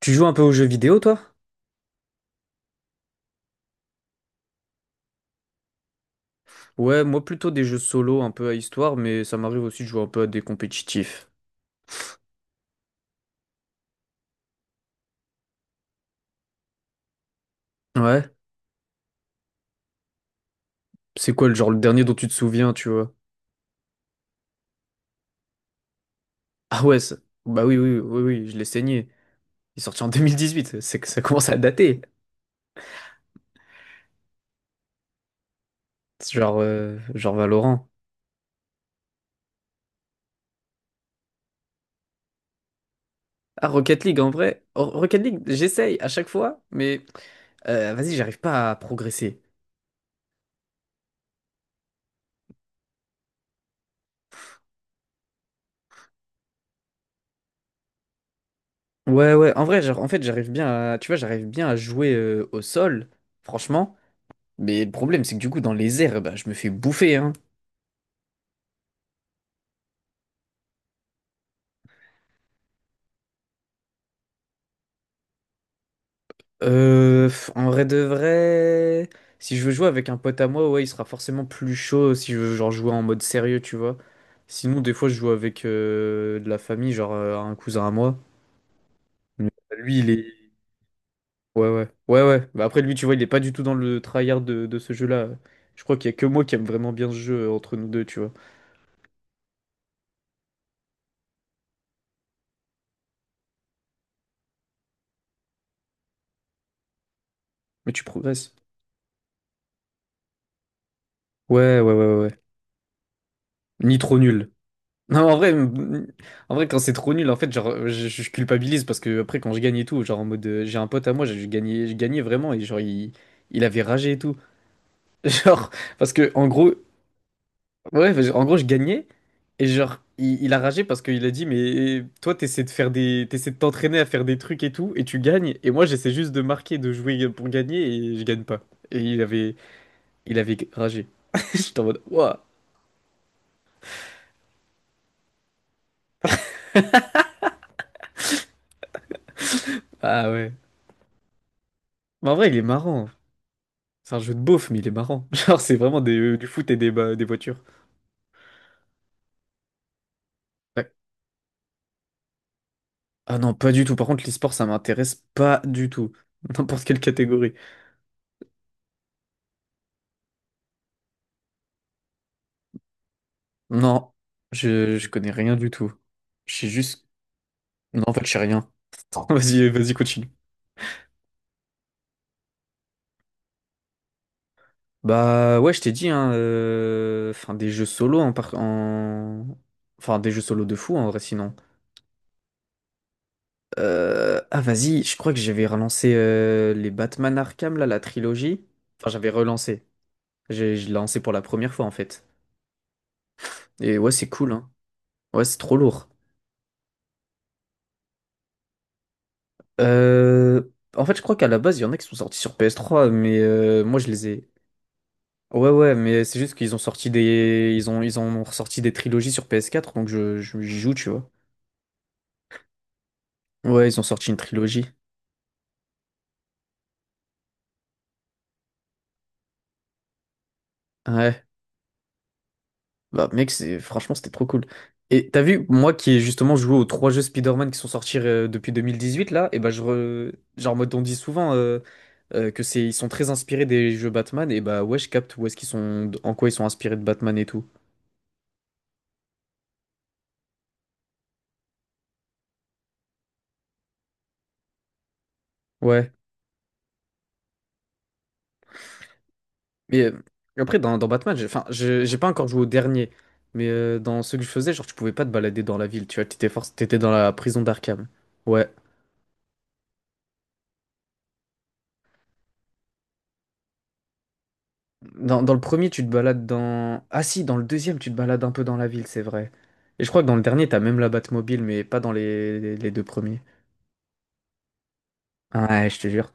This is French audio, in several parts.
Tu joues un peu aux jeux vidéo, toi? Ouais, moi plutôt des jeux solo, un peu à histoire, mais ça m'arrive aussi de jouer un peu à des compétitifs. Ouais. C'est quoi le genre le dernier dont tu te souviens, tu vois? Ah ouais, bah oui, oui, oui, oui, je l'ai saigné. Il est sorti en 2018, c'est que ça commence à dater. C'est genre Valorant. Ah, Rocket League, en vrai. Rocket League, j'essaye à chaque fois, mais vas-y, j'arrive pas à progresser. Ouais, ouais, en vrai, genre, en fait, j'arrive bien à, tu vois, j'arrive bien à jouer au sol, franchement. Mais le problème, c'est que du coup, dans les airs, bah, je me fais bouffer, hein. En vrai de vrai, si je veux jouer avec un pote à moi, ouais, il sera forcément plus chaud si je veux genre jouer en mode sérieux, tu vois. Sinon, des fois, je joue avec de la famille, genre un cousin à moi. Mais bah, lui, il est... Ouais, ouais. Ouais, ouais. Bah après, lui, tu vois, il est pas du tout dans le tryhard de ce jeu-là. Je crois qu'il y a que moi qui aime vraiment bien ce jeu entre nous deux, tu vois. Mais tu progresses. Ouais, ouais, ouais, ouais. Ouais. Ni trop nul. Non, en vrai, quand c'est trop nul, en fait, genre, je culpabilise parce que après, quand je gagne et tout, genre, en mode, j'ai un pote à moi, j'ai gagné, je gagnais vraiment et genre, il avait ragé et tout. Genre, parce que, en gros, ouais, parce que, en gros, je gagnais et genre, il a ragé parce qu'il a dit, mais toi, t'essaies de faire des, t'essaies de t'entraîner à faire des trucs et tout et tu gagnes et moi, j'essaie juste de marquer, de jouer pour gagner et je gagne pas. Et il avait ragé. J'étais en mode, ouah, ah ouais. Mais en vrai, il est marrant. C'est un jeu de beauf, mais il est marrant. Genre, c'est vraiment du foot et des, bah, des voitures. Ouais. Ah non, pas du tout. Par contre, l'e-sport, ça m'intéresse pas du tout. N'importe quelle catégorie. Non, je connais rien du tout. Je sais juste. Non, en fait, je sais rien. Vas-y, vas-y, continue. Bah ouais, je t'ai dit, hein, enfin, des jeux solo enfin, des jeux solo de fou, en vrai, sinon. Ah, vas-y, je crois que j'avais relancé les Batman Arkham, là, la trilogie. Enfin, j'avais relancé. J'ai je l'ai lancé pour la première fois, en fait. Et ouais, c'est cool, hein. Ouais, c'est trop lourd. Euh, En fait, je crois qu'à la base, il y en a qui sont sortis sur PS3, mais moi, je les ai. Ouais, ouais, mais c'est juste qu'ils ont sorti des. Ils ont... ils en ont ressorti des trilogies sur PS4, donc j'y joue, tu vois. Ouais, ils ont sorti une trilogie. Ouais. Bah, mec, c'est... franchement, c'était trop cool. Et t'as vu, moi qui ai justement joué aux trois jeux Spider-Man qui sont sortis depuis 2018, là, et bah, genre, en mode, on dit souvent. Que c'est ils sont très inspirés des jeux Batman et bah ouais je capte où est-ce qu'ils sont en quoi ils sont inspirés de Batman et tout. Ouais. Mais après, dans Batman, j'ai, enfin, j'ai pas encore joué au dernier. Mais dans ce que je faisais, genre, tu pouvais pas te balader dans la ville. Tu vois, t'étais dans la prison d'Arkham. Ouais. Dans le premier, tu te balades dans. Ah si, dans le deuxième, tu te balades un peu dans la ville, c'est vrai. Et je crois que dans le dernier, t'as même la Batmobile, mais pas dans les deux premiers. Ouais, je te jure.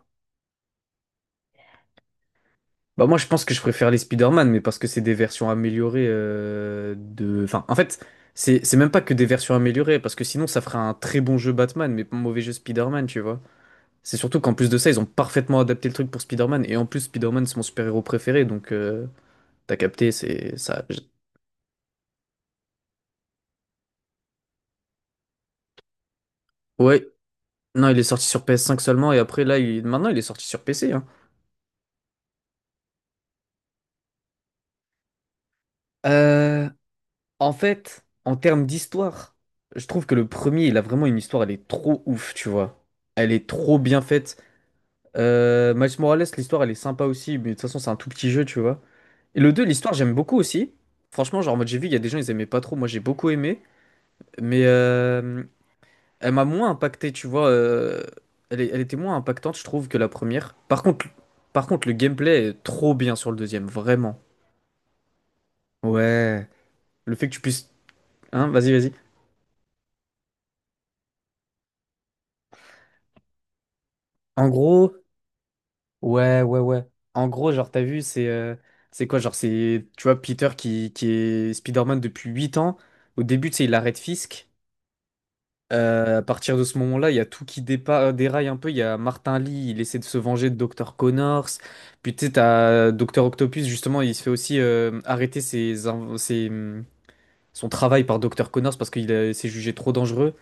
Bah moi je pense que je préfère les Spider-Man, mais parce que c'est des versions améliorées de... Enfin, en fait, c'est même pas que des versions améliorées, parce que sinon ça ferait un très bon jeu Batman, mais pas un mauvais jeu Spider-Man, tu vois. C'est surtout qu'en plus de ça, ils ont parfaitement adapté le truc pour Spider-Man. Et en plus, Spider-Man, c'est mon super-héros préféré. Donc, t'as capté, c'est ça. Ouais, non, il est sorti sur PS5 seulement. Et après, là, il... maintenant, il est sorti sur PC. Hein. Euh, En fait, en termes d'histoire, je trouve que le premier, il a vraiment une histoire. Elle est trop ouf, tu vois. Elle est trop bien faite. Miles Morales, l'histoire, elle est sympa aussi. Mais de toute façon, c'est un tout petit jeu, tu vois. Et le 2 l'histoire, j'aime beaucoup aussi. Franchement, genre, en mode, j'ai vu, il y a des gens, ils aimaient pas trop. Moi, j'ai beaucoup aimé. Mais. Elle m'a moins impacté, tu vois. Elle était moins impactante, je trouve, que la première. Par contre, le gameplay est trop bien sur le deuxième, vraiment. Ouais. Le fait que tu puisses. Hein, vas-y, vas-y. En gros, ouais, ouais, ouais. En gros, genre, t'as vu, c'est. C'est quoi, genre, c'est. Tu vois, Peter qui est Spider-Man depuis 8 ans. Au début, tu sais, il arrête Fisk. À partir de ce moment-là, il y a tout qui déraille un peu. Il y a Martin Lee, il essaie de se venger de Dr. Connors. Puis tu sais, t'as Dr. Octopus, justement, il se fait aussi arrêter son travail par Dr. Connors parce qu'il s'est jugé trop dangereux.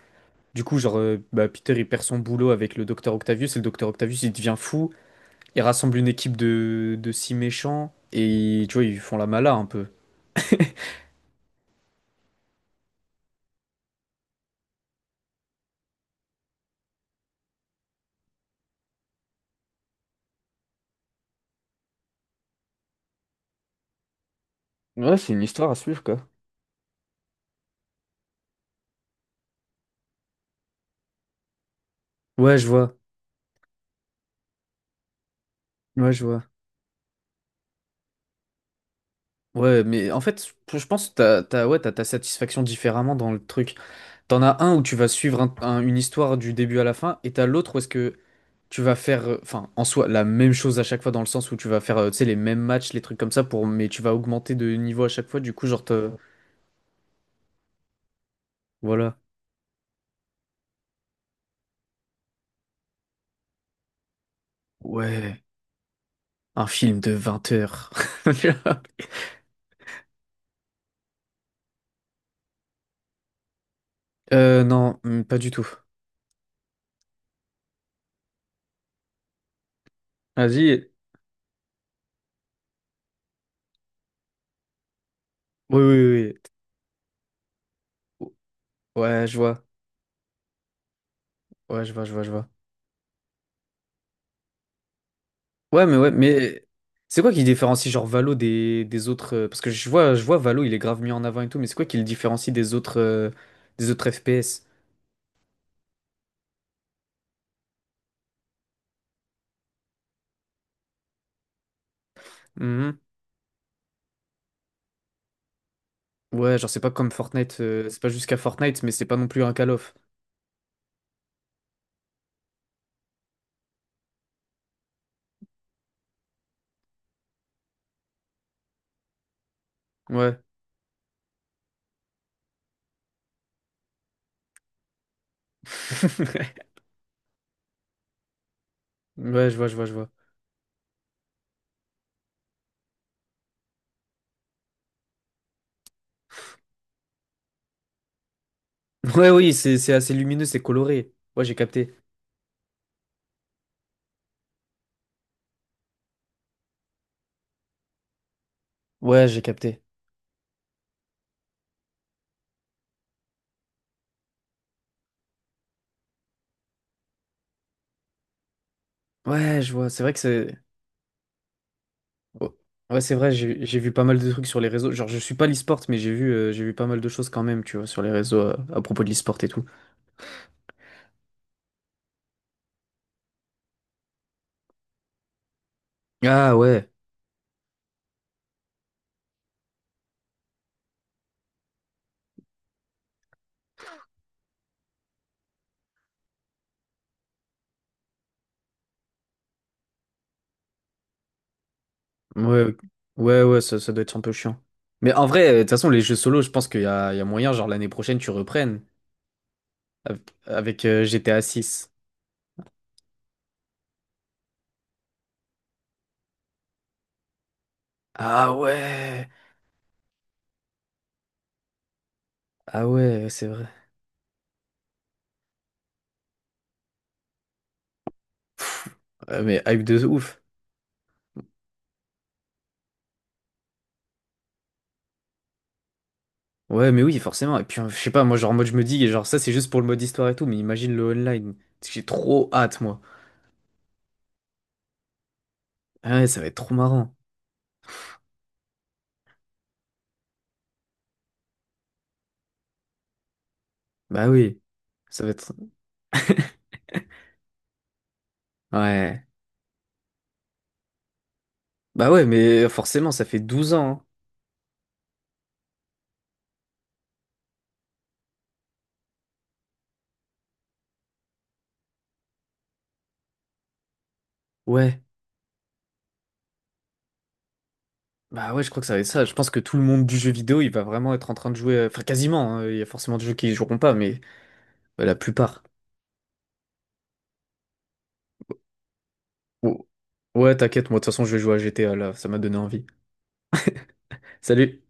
Du coup, genre, bah, Peter, il perd son boulot avec le Dr. Octavius et le Dr. Octavius, il devient fou. Il rassemble une équipe de 6 méchants et tu vois, ils font la mala un peu. Ouais, c'est une histoire à suivre, quoi. Ouais, je vois. Ouais, je vois. Ouais, mais en fait, je pense que t'as, ouais, t'as ta satisfaction différemment dans le truc. T'en as un où tu vas suivre une histoire du début à la fin, et t'as l'autre où est-ce que tu vas faire, enfin, en soi, la même chose à chaque fois, dans le sens où tu vas faire, tu sais, les mêmes matchs, les trucs comme ça, pour, mais tu vas augmenter de niveau à chaque fois, du coup, genre, voilà. Ouais, un film de 20 heures. Non, pas du tout. Vas-y. Oui, oui, oui. Oui. Ouais, je vois. Ouais, je vois, je vois, je vois. Ouais, mais c'est quoi qui différencie genre Valo des autres parce que je vois, Valo, il est grave mis en avant et tout, mais c'est quoi qui le différencie des autres FPS? Mhm. Ouais, genre c'est pas comme Fortnite, c'est pas jusqu'à Fortnite, mais c'est pas non plus un Call of. Ouais. Ouais, je vois, je vois, je vois. Ouais, oui, c'est assez lumineux, c'est coloré. Ouais, j'ai capté. Ouais, j'ai capté. Ouais, je vois. C'est vrai que c'est. Oh. Ouais, c'est vrai, j'ai vu pas mal de trucs sur les réseaux. Genre, je suis pas l'e-sport, mais j'ai vu pas mal de choses quand même, tu vois, sur les réseaux à propos de l'e-sport et tout. Ah ouais, ouais, ouais, ouais, ça doit être un peu chiant. Mais en vrai, de toute façon, les jeux solo, je pense qu'il y a, moyen, genre l'année prochaine, tu reprennes av- avec, GTA 6. Ah ouais, ah ouais, c'est vrai. Mais hype de ouf. Ouais, mais oui, forcément. Et puis, je sais pas, moi, genre, en mode, je me dis, genre, ça, c'est juste pour le mode histoire et tout, mais imagine le online. J'ai trop hâte, moi. Ah ouais, ça va être trop marrant. Bah oui, ça va être. Ouais. Bah ouais, mais forcément, ça fait 12 ans. Hein. Ouais. Bah ouais, je crois que ça va être ça. Je pense que tout le monde du jeu vidéo, il va vraiment être en train de jouer. Enfin, quasiment. Hein. Il y a forcément des jeux qui y joueront pas, mais la plupart. Oh. Ouais, t'inquiète, moi, de toute façon, je vais jouer à GTA là. Ça m'a donné envie. Salut!